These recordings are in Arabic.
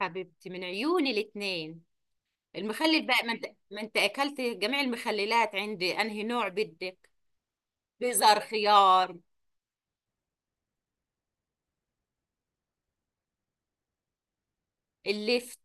حبيبتي من عيوني الاتنين. المخلل بقى، ما انت اكلت جميع المخللات عندي، انهي نوع بدك؟ بزر خيار. اللفت.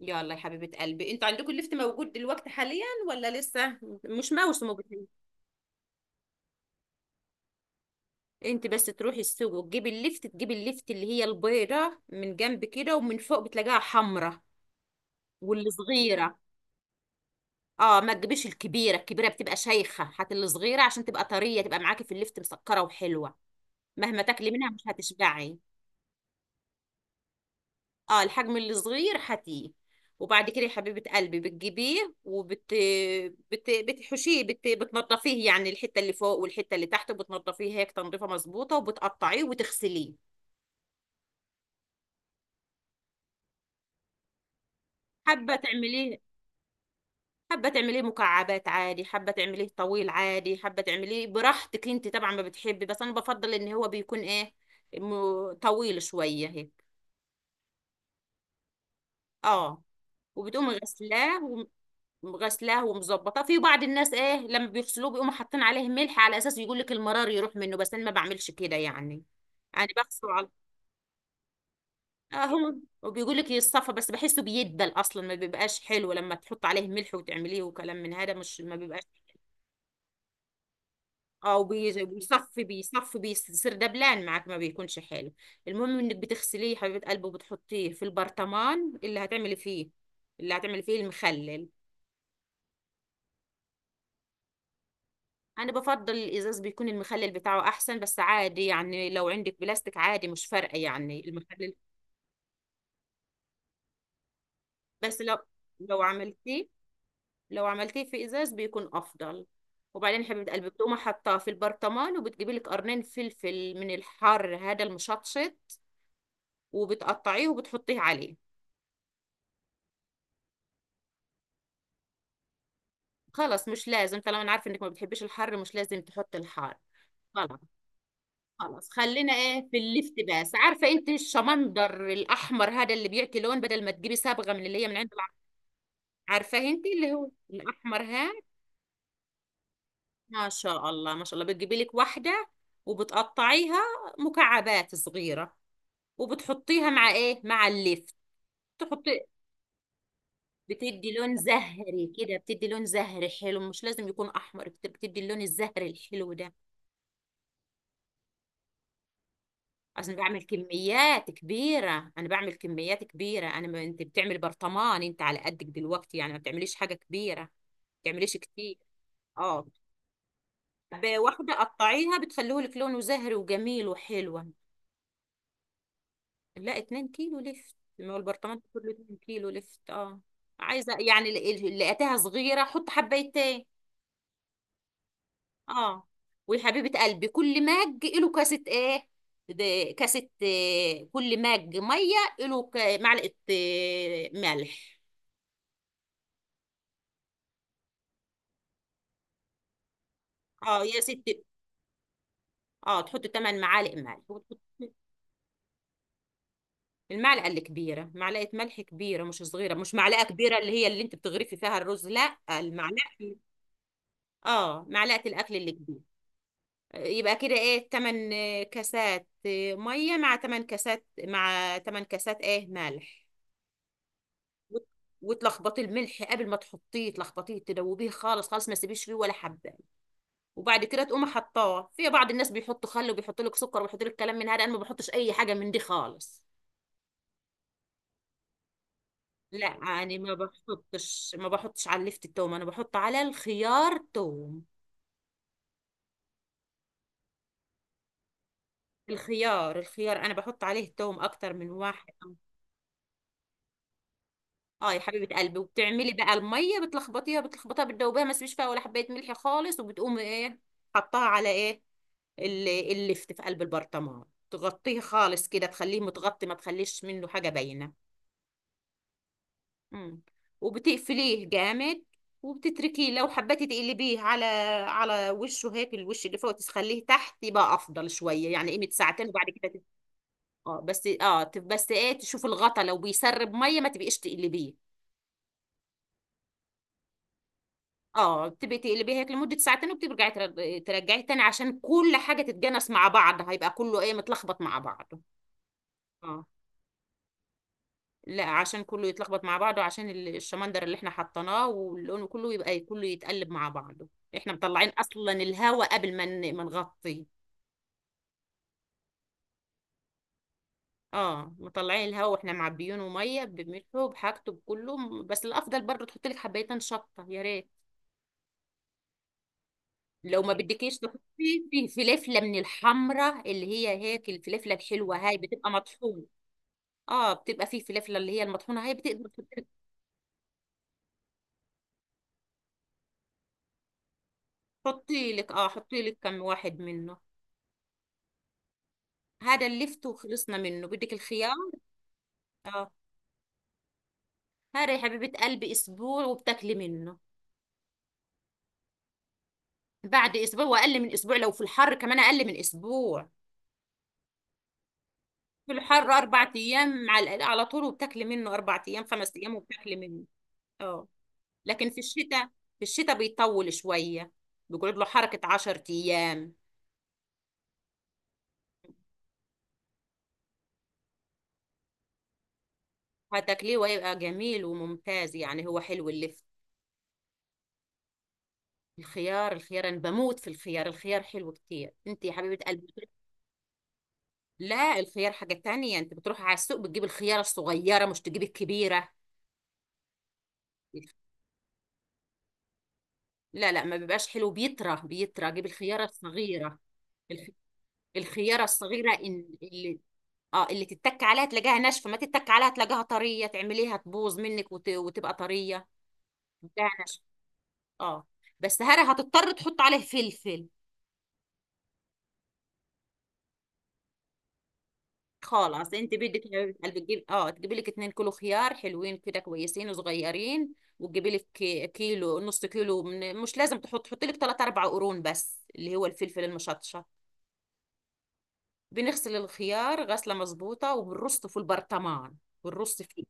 يلا يا حبيبة قلبي، انتوا عندكم اللفت موجود دلوقتي حاليا ولا لسه؟ مش موسمه بتهيألي. انت بس تروحي السوق وتجيبي اللفت، تجيبي اللفت اللي هي البيضة من جنب كده ومن فوق بتلاقيها حمرة، واللي صغيرة. اه، ما تجيبيش الكبيرة، الكبيرة بتبقى شيخة، هات اللي صغيرة عشان تبقى طرية، تبقى معاكي في اللفت مسكرة وحلوة، مهما تاكلي منها مش هتشبعي. اه، الحجم الصغير هاتيه. وبعد كده يا حبيبة قلبي بتجيبيه بتحشيه، بتنضفيه، يعني الحتة اللي فوق والحتة اللي تحت بتنضفيه هيك تنظيفة مظبوطة، وبتقطعيه وتغسليه. حابة تعمليه حابة تعمليه مكعبات عادي، حابة تعمليه طويل عادي، حابة تعمليه براحتك. انت طبعا ما بتحبي، بس انا بفضل ان هو بيكون ايه، طويل شوية هيك. اه. وبتقومي غسلاه، غسلاه ومظبطاه. في بعض الناس ايه، لما بيغسلوه بيقوموا حاطين عليه ملح على اساس يقول لك المرار يروح منه، بس انا ما بعملش كده يعني. انا بغسله على اهو. وبيقول لك يصفى، بس بحسه بيدبل اصلا، ما بيبقاش حلو لما تحط عليه ملح وتعمليه وكلام من هذا، مش ما بيبقاش. او، بيصفي، بيصير دبلان معاك، ما بيكونش حلو. المهم انك بتغسليه يا حبيبه قلبي وبتحطيه في البرطمان اللي هتعملي فيه، اللي هتعملي فيه المخلل. انا بفضل الازاز، بيكون المخلل بتاعه احسن، بس عادي يعني، لو عندك بلاستيك عادي، مش فارقه يعني المخلل. بس لو عملتيه لو عملتيه في ازاز بيكون افضل. وبعدين حبيبه قلبي بتقوم حاطاه في البرطمان، وبتجيبي لك قرنين فلفل من الحار هذا المشطشط، وبتقطعيه وبتحطيه عليه. خلاص، مش لازم، طالما انا عارفه انك ما بتحبيش الحر، مش لازم تحطي الحار. خلاص. خلاص، خلينا ايه في اللفت بس. عارفه انت الشمندر الاحمر هذا اللي بيعطي لون، بدل ما تجيبي صبغه من اللي هي من عند. عارفاه انت اللي هو الاحمر، ها؟ ما شاء الله ما شاء الله. بتجيبي لك واحده، وبتقطعيها مكعبات صغيره، وبتحطيها مع ايه، مع اللفت. تحطي، بتدي لون زهري كده، بتدي لون زهري حلو، مش لازم يكون احمر، بتدي اللون الزهري الحلو ده. اصل أنا بعمل كميات كبيره، انا، ما انت بتعمل برطمان، انت على قدك دلوقتي، يعني ما بتعمليش حاجه كبيره، ما بتعمليش كتير. اه. واحدة قطعيها، بتخليه لك لونه زهري وجميل وحلو. لا، 2 كيلو لفت، ما هو البرطمان كله 2 كيلو لفت. اه، عايزة يعني لقيتها صغيرة حط حبايتين. اه. وحبيبة قلبي، كل مج له كاسة ايه ده، كاسة، آه، كل مج مية له معلقة، آه، ملح. اه يا ستي، اه، تحط 8 معالق ملح وتحط. المعلقة اللي كبيرة، معلقة ملح كبيرة، مش صغيرة، مش معلقة كبيرة اللي هي اللي انت بتغرفي فيها الرز، لا، المعلقة. اه، معلقة الأكل اللي كبيرة. يبقى كده ايه، 8 كاسات مية مع 8 كاسات، مع 8 كاسات ايه، ملح. وت- وتلخبطي الملح قبل ما تحطيه، تلخبطيه تدوبيه خالص خالص، ما تسيبيش فيه ولا حبة. وبعد كده تقومي حطاه. في بعض الناس بيحطوا خل وبيحطوا لك سكر وبيحطوا لك كلام من هذا، انا ما بحطش اي حاجة من دي خالص. لا. يعني ما بحطش على اللفت التوم، انا بحط على الخيار توم. الخيار، الخيار انا بحط عليه توم اكتر من واحد. اه يا حبيبه قلبي، وبتعملي بقى الميه، بتلخبطيها، بتدوبيها، ما تسيبيش فيها ولا حبايه ملح خالص. وبتقومي ايه، حطها على ايه، اللفت في قلب البرطمان، تغطيه خالص كده، تخليه متغطي، ما تخليش منه حاجه باينه. مم. وبتقفليه جامد وبتتركيه. لو حبيتي تقلبيه على على وشه هيك، الوش اللي فوق تخليه تحت، يبقى افضل شويه يعني، قيمه ساعتين وبعد كده اه بس اه، بس ايه، تشوف الغطا، لو بيسرب ميه ما تبقيش تقلبيه. اه، بتبقي تقلبيه هيك لمده ساعتين، وبترجعي ترجعيه تاني عشان كل حاجه تتجانس مع بعض، هيبقى كله ايه، متلخبط مع بعضه. اه. لا، عشان كله يتلخبط مع بعضه، عشان الشمندر اللي احنا حطيناه، واللون كله يبقى، كله يتقلب مع بعضه. احنا مطلعين اصلا الهواء قبل ما نغطيه. اه، مطلعين الهواء واحنا معبيينه ميه بملحه بحاجته بكله، بس الافضل برضه تحط لك حبيتين شطه، يا ريت. لو ما بدكيش تحطي، في فلفله من الحمراء اللي هي هيك، الفلفله الحلوه هاي بتبقى مطحونه. اه، بتبقى في فلفله اللي هي المطحونه، هاي بتقدر تحطي لك. حطي لك اه، حطي لك كم واحد منه. هذا اللفت وخلصنا منه. بدك الخيار. اه، هذا يا حبيبة قلبي اسبوع وبتاكلي منه. بعد اسبوع، واقل من اسبوع لو في الحر، كمان اقل من اسبوع. في الحر اربع ايام على على طول وبتاكلي منه، اربع ايام، خمس ايام وبتاكلي منه. اه، لكن في الشتاء، في الشتاء بيطول شوية، بيقعد له حركة عشر ايام. هتاكليه ويبقى جميل وممتاز، يعني هو حلو اللفت. الخيار، الخيار انا بموت في الخيار، الخيار حلو كتير انت يا حبيبة قلبي. لا، الخيار حاجة تانية. انت بتروح على السوق، بتجيب الخيارة الصغيرة، مش تجيب الكبيرة. لا لا، ما بيبقاش حلو، بيطرى، بيطرى. جيب الخيارة الصغيرة. الخ- الخيارة الصغيرة، اللي، اه، اللي تتك عليها تلاقيها ناشفة، ما تتك عليها تلاقيها طرية، تعمليها تبوظ منك وتبقى طرية. تلاقيها ناشفة. اه، بس هره هتضطر تحط عليه فلفل. خلاص، انت بدك لعبة قلب، تجيب اه، تجيبي لك اتنين كيلو خيار حلوين كده كويسين وصغيرين، وتجيبي لك كيلو، نص كيلو. من مش لازم تحط، حطي لك 3 4 قرون بس، اللي هو الفلفل المشطشط. بنغسل الخيار غسلة مظبوطة وبنرصه في البرطمان، بنرص فيه.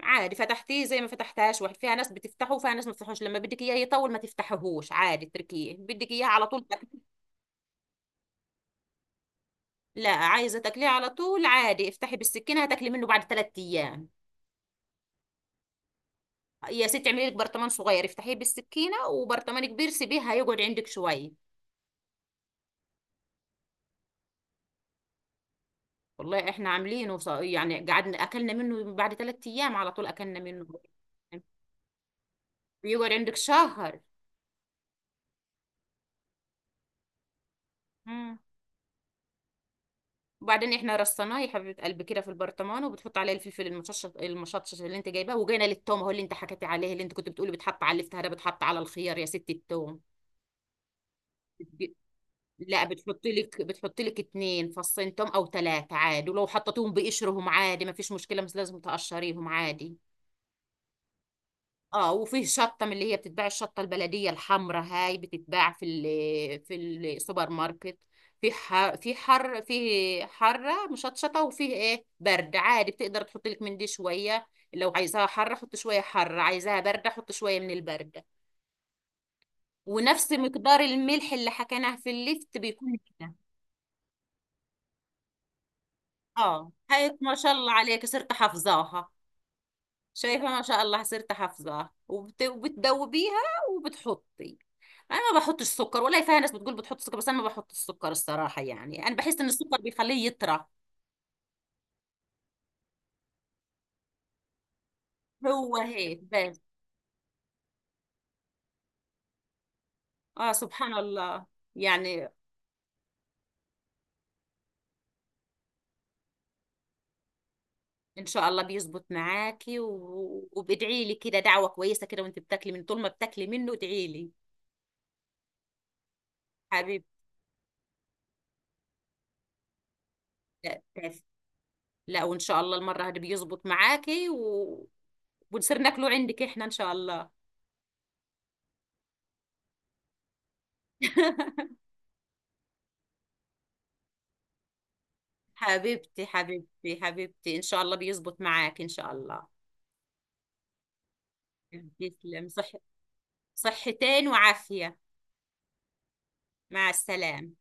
عادي، فتحتيه زي ما فتحتهاش واحد، فيها ناس بتفتحه وفيها ناس ما بتفتحوش، لما بدك اياه يطول ما تفتحهوش عادي، اتركيه. بدك اياه على طول، لا، عايزه تاكليه على طول، عادي افتحي بالسكينه، هتاكلي منه بعد ثلاث ايام. يا ستي، اعملي لك برطمان صغير افتحيه بالسكينه، وبرطمان كبير سيبيه هيقعد عندك شويه. والله احنا عاملينه يعني قعدنا اكلنا منه بعد ثلاث ايام على طول، اكلنا منه. بيقعد عندك شهر. مم. وبعدين احنا رصيناه يا حبيبه قلبي كده في البرطمان، وبتحط عليه الفلفل المشطشط، المشطشط اللي انت جايباه. وجينا للتوم، هو اللي انت حكيتي عليه اللي انت كنت بتقولي بتحط على الافتهار ده، بتحط على الخيار يا ست التوم. لا، بتحط لك اتنين فصين توم او تلاتة عادي، ولو حطيتهم بقشرهم عادي، ما فيش مشكلة، مش لازم تقشريهم عادي. اه. وفيه شطة من اللي هي بتتباع، الشطة البلدية الحمراء هاي بتتباع في السوبر ماركت، في حر، في حر، في حرة مشطشطة، وفيه ايه، برد عادي، بتقدر تحط لك من دي شوية. لو عايزاها حرة حط شوية حرة، عايزاها باردة حط شوية من الباردة. ونفس مقدار الملح اللي حكيناه في الليفت بيكون كده. اه هيك، ما شاء الله عليك صرت حافظاها. شايفة ما شاء الله، صرت حافظاها. وبتذوبيها وبتحطي. انا ما بحطش سكر، ولا فيها ناس بتقول بتحط سكر، بس انا ما بحط السكر الصراحة. يعني انا بحس ان السكر بيخليه يطرى. هو هيك بس. اه، سبحان الله، يعني. ان شاء الله بيزبط معاكي، وبادعي لي كده، دعوة كويسة كده وانت بتاكلي، من طول ما بتاكلي منه ادعي لي. حبيبتي. لا، وان شاء الله المره هذه بيزبط معاكي، ونصير ناكله عندك احنا ان شاء الله. حبيبتي حبيبتي حبيبتي، ان شاء الله بيزبط معاك ان شاء الله. تسلم. صح. صحتين وعافية. مع السلامة.